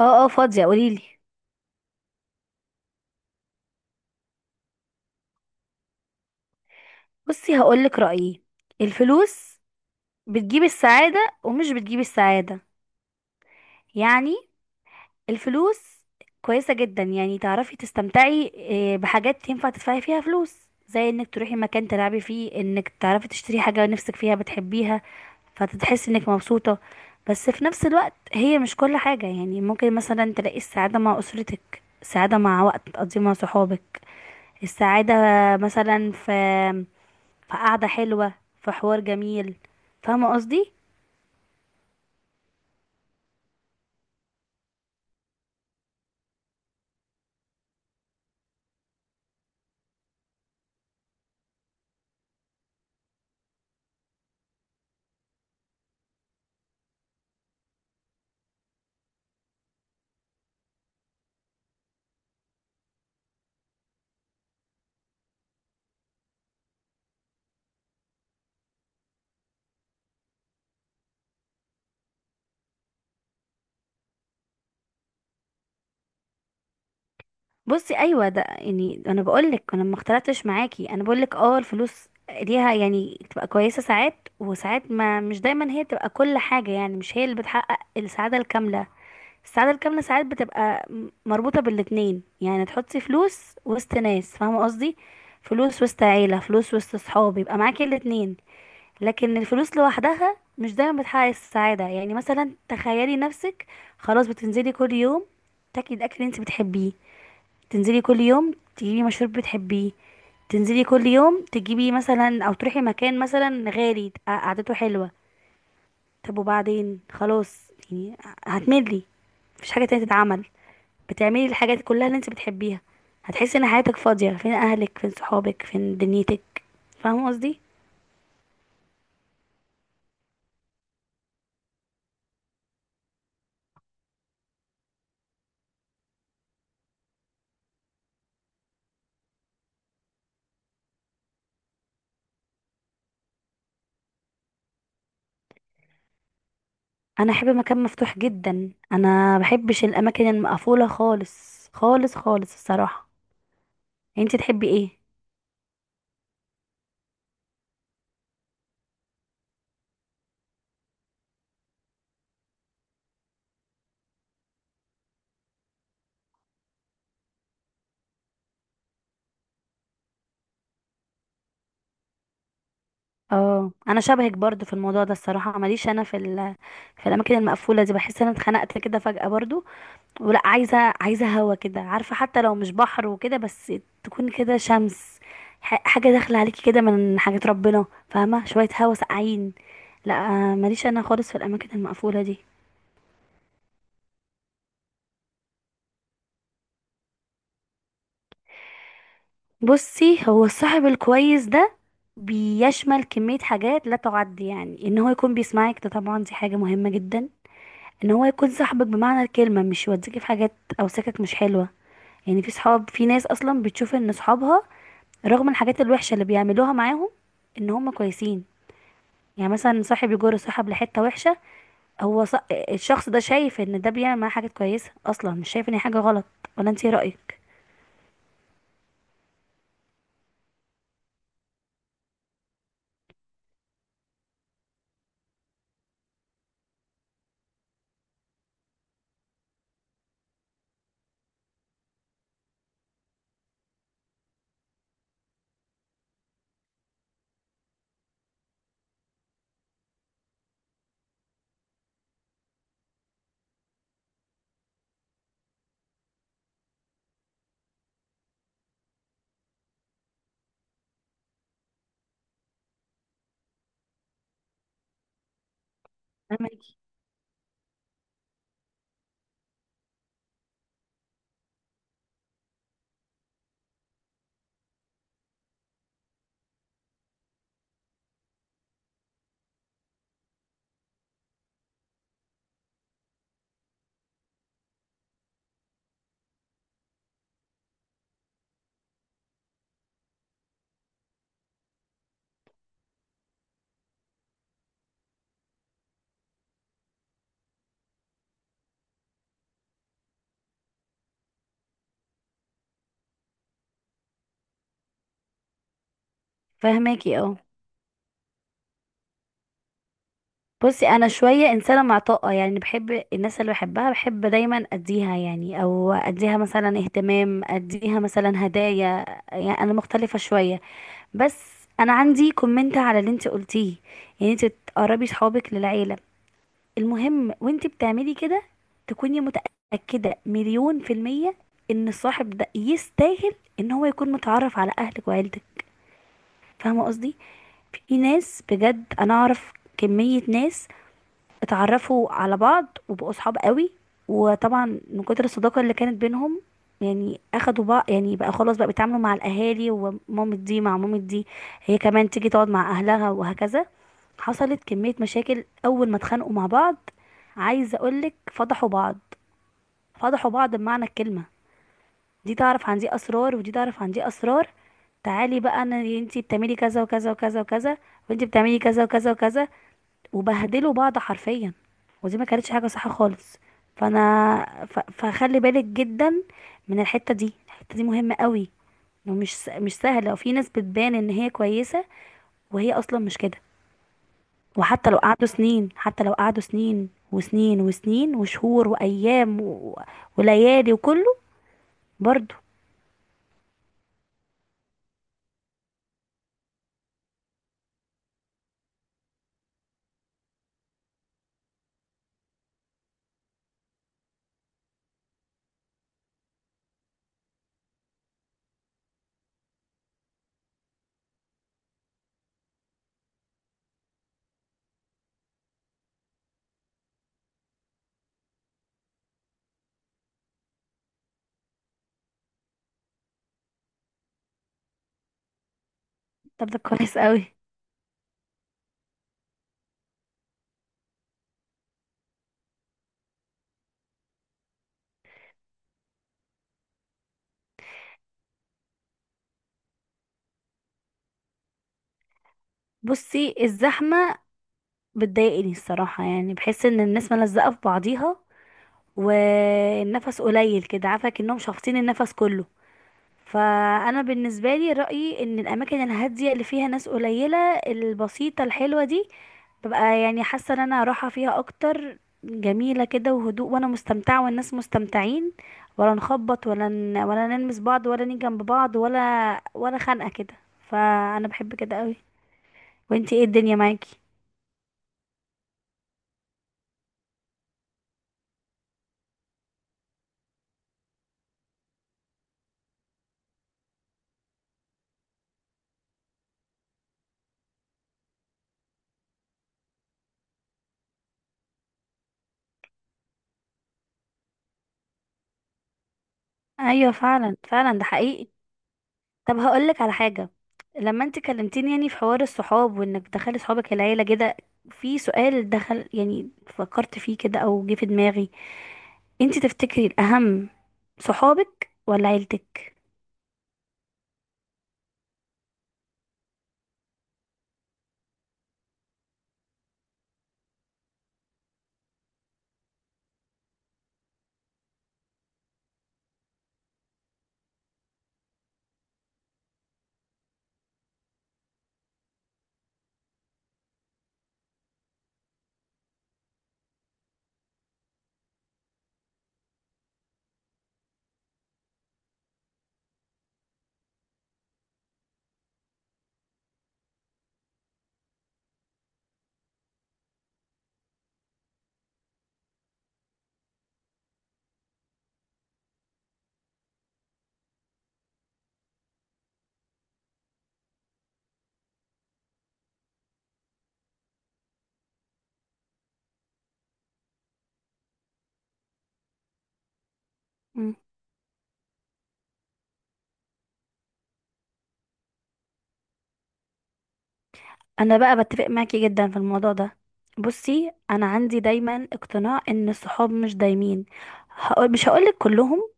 اه اه، فاضية قوليلي. بصي، هقولك رأيي. الفلوس بتجيب السعادة ومش بتجيب السعادة، يعني الفلوس كويسة جدا، يعني تعرفي تستمتعي بحاجات ينفع تدفعي فيها فلوس، زي انك تروحي مكان تلعبي فيه، انك تعرفي تشتري حاجة نفسك فيها بتحبيها، فتتحسي انك مبسوطة. بس في نفس الوقت هي مش كل حاجة، يعني ممكن مثلا تلاقي السعادة مع أسرتك، السعادة مع وقت تقضيه مع صحابك، السعادة مثلا في فقعدة حلوة، في حوار جميل. فاهمة قصدي؟ بصي، ايوه، ده يعني انا بقولك انا ما اختلفتش معاكي، انا بقولك اه الفلوس ليها يعني تبقى كويسة ساعات وساعات، ما مش دايما هي تبقى كل حاجة، يعني مش هي اللي بتحقق السعادة الكاملة. السعادة الكاملة ساعات بتبقى مربوطة بالاتنين، يعني تحطي فلوس وسط ناس، فاهمة قصدي، فلوس وسط عيلة، فلوس وسط صحاب، يبقى معاكي الاتنين. لكن الفلوس لوحدها مش دايما بتحقق السعادة، يعني مثلا تخيلي نفسك خلاص بتنزلي كل يوم تاكلي الاكل اللي انت بتحبيه، تنزلي كل يوم تجيبي مشروب بتحبيه، تنزلي كل يوم تجيبي مثلا او تروحي مكان مثلا غالي تبقى قعدته حلوة. طب وبعدين؟ خلاص، يعني هتملي، مفيش حاجة تانية تتعمل، بتعملي الحاجات كلها اللي انت بتحبيها. هتحسي ان حياتك فاضية، فين اهلك؟ فين صحابك؟ فين دنيتك؟ فاهمة قصدي؟ انا احب مكان مفتوح جدا، انا بحبش الاماكن المقفوله خالص خالص خالص الصراحه. انتي تحبي ايه؟ اه انا شبهك برضو في الموضوع ده الصراحه، ماليش انا في في الاماكن المقفوله دي، بحس ان انا اتخنقت كده فجاه برضو، ولا عايزه هوا كده، عارفه، حتى لو مش بحر وكده، بس تكون كده شمس، حاجه داخله عليكي كده من حاجات ربنا، فاهمه، شويه هوا ساقعين. لا ماليش انا خالص في الاماكن المقفوله دي. بصي، هو الصاحب الكويس ده بيشمل كمية حاجات لا تعد، يعني ان هو يكون بيسمعك، ده طبعا دي حاجة مهمة جدا، ان هو يكون صاحبك بمعنى الكلمة، مش يوديكي في حاجات او سكك مش حلوة. يعني في صحاب، في ناس اصلا بتشوف ان صحابها، رغم الحاجات الوحشة اللي بيعملوها معاهم، ان هم كويسين. يعني مثلا صاحب يجر صاحب لحتة وحشة، هو ص... الشخص ده شايف ان ده بيعمل معاه حاجات كويسة، اصلا مش شايف ان هي حاجة غلط. ولا انت ايه رأيك؟ فهمك. فاهماكي، اه. بصي، انا شويه انسانه معطاءه، يعني بحب الناس اللي بحبها، بحب دايما اديها يعني، او اديها مثلا اهتمام، اديها مثلا هدايا، يعني انا مختلفه شويه. بس انا عندي كومنت على اللي انت قلتيه، يعني انت تقربي صحابك للعيله، المهم وانت بتعملي كده تكوني متاكده مليون في الميه ان الصاحب ده يستاهل ان هو يكون متعرف على اهلك وعيلتك. فاهمه قصدي؟ في ناس بجد انا اعرف كمية ناس اتعرفوا على بعض وبقوا صحاب قوي، وطبعا من كتر الصداقة اللي كانت بينهم، يعني اخدوا بقى، يعني بقى خلاص بقى بيتعاملوا مع الاهالي، ومامة دي مع مامة دي، هي كمان تيجي تقعد مع اهلها، وهكذا. حصلت كمية مشاكل اول ما اتخانقوا مع بعض، عايزة اقولك فضحوا بعض، فضحوا بعض بمعنى الكلمة. دي تعرف عن دي اسرار، ودي تعرف عن دي اسرار. تعالي بقى انا، انتي بتعملي كذا وكذا وكذا وكذا، وانتي بتعملي كذا وكذا وكذا، وبهدلوا بعض حرفيا. ودي ما كانتش حاجة صح خالص. فخلي بالك جدا من الحتة دي، الحتة دي مهمة قوي، مش سهلة، وفي ناس بتبان ان هي كويسة وهي اصلا مش كده. وحتى لو قعدوا سنين، حتى لو قعدوا سنين وسنين وسنين وشهور وايام وليالي وكله، برضو. طب ده كويس قوي. بصي، الزحمة بتضايقني الصراحة، يعني بحس ان الناس ملزقة في بعضيها، والنفس قليل كده، عارفه، كأنهم شافطين النفس كله. فانا بالنسبه لي رايي ان الاماكن الهاديه اللي فيها ناس قليله، البسيطه الحلوه دي، ببقى يعني حاسه ان انا راحه فيها اكتر، جميله كده وهدوء، وانا مستمتعه والناس مستمتعين، ولا نخبط ولا نلمس بعض ولا نيجي جنب بعض ولا ولا خنقه كده. فانا بحب كده قوي. وانتي ايه الدنيا معاكي؟ ايوه فعلا فعلا ده حقيقي. طب هقولك على حاجة، لما انت كلمتيني يعني في حوار الصحاب وانك تدخلي صحابك العيلة كده، في سؤال دخل يعني فكرت فيه كده او جه في دماغي، انت تفتكري الاهم، صحابك ولا عيلتك؟ انا بقى بتفق معاكي جدا في الموضوع ده. بصي، انا عندي دايما اقتناع ان الصحاب مش دايمين، هقول مش هقولك كلهم،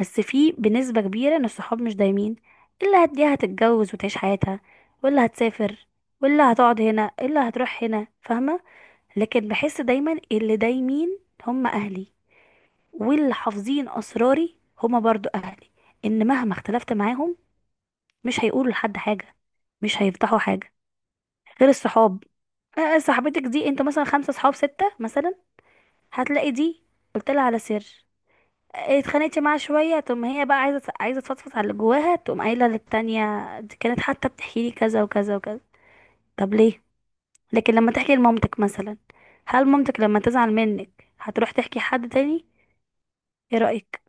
بس في بنسبة كبيرة ان الصحاب مش دايمين. اللي هتديها هتتجوز وتعيش حياتها، واللي هتسافر، واللي هتقعد هنا، اللي هتروح هنا، فاهمة. لكن بحس دايما اللي دايمين هم اهلي، واللي حافظين اسراري هم برضو اهلي، ان مهما اختلفت معاهم مش هيقولوا لحد حاجة، مش هيفتحوا حاجة، غير الصحاب. صاحبتك دي، انتوا مثلا خمسة صحاب ستة مثلا، هتلاقي دي قلت لها على سر، اتخانقت معاها شوية، تقوم هي بقى عايزة تفضفض على اللي جواها، تقوم قايلة للتانية، دي كانت حتى بتحكي لي كذا وكذا وكذا. طب ليه؟ لكن لما تحكي لمامتك مثلا، هل مامتك لما تزعل منك هتروح تحكي حد تاني؟ ايه رأيك؟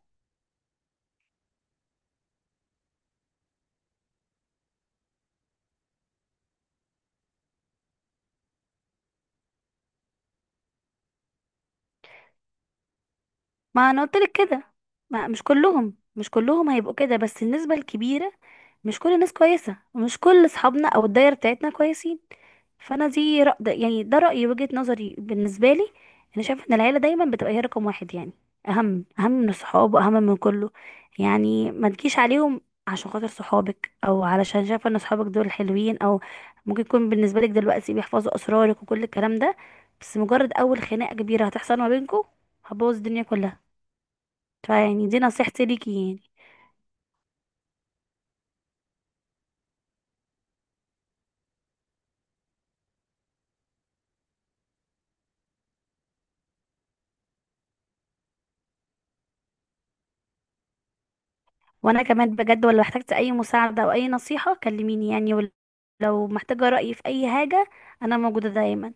ما انا قلت لك كده، ما مش كلهم، مش كلهم هيبقوا كده، بس النسبة الكبيرة. مش كل الناس كويسة، ومش كل اصحابنا او الدايرة بتاعتنا كويسين. فانا دي يعني ده رأيي، وجهة نظري بالنسبة لي. انا شايفة ان العيلة دايما بتبقى هي رقم واحد، يعني اهم من الصحاب واهم من كله. يعني ما تجيش عليهم عشان خاطر صحابك، او علشان شايفة ان صحابك دول حلوين، او ممكن يكون بالنسبة لك دلوقتي بيحفظوا اسرارك وكل الكلام ده، بس مجرد اول خناقة كبيرة هتحصل ما بينكم هتبوظ الدنيا كلها. فيعني دي نصيحتي ليكي، يعني وانا كمان بجد، ولو احتجت اي مساعدة او اي نصيحة كلميني، يعني ولو محتاجة رأيي في اي حاجة انا موجودة دايما.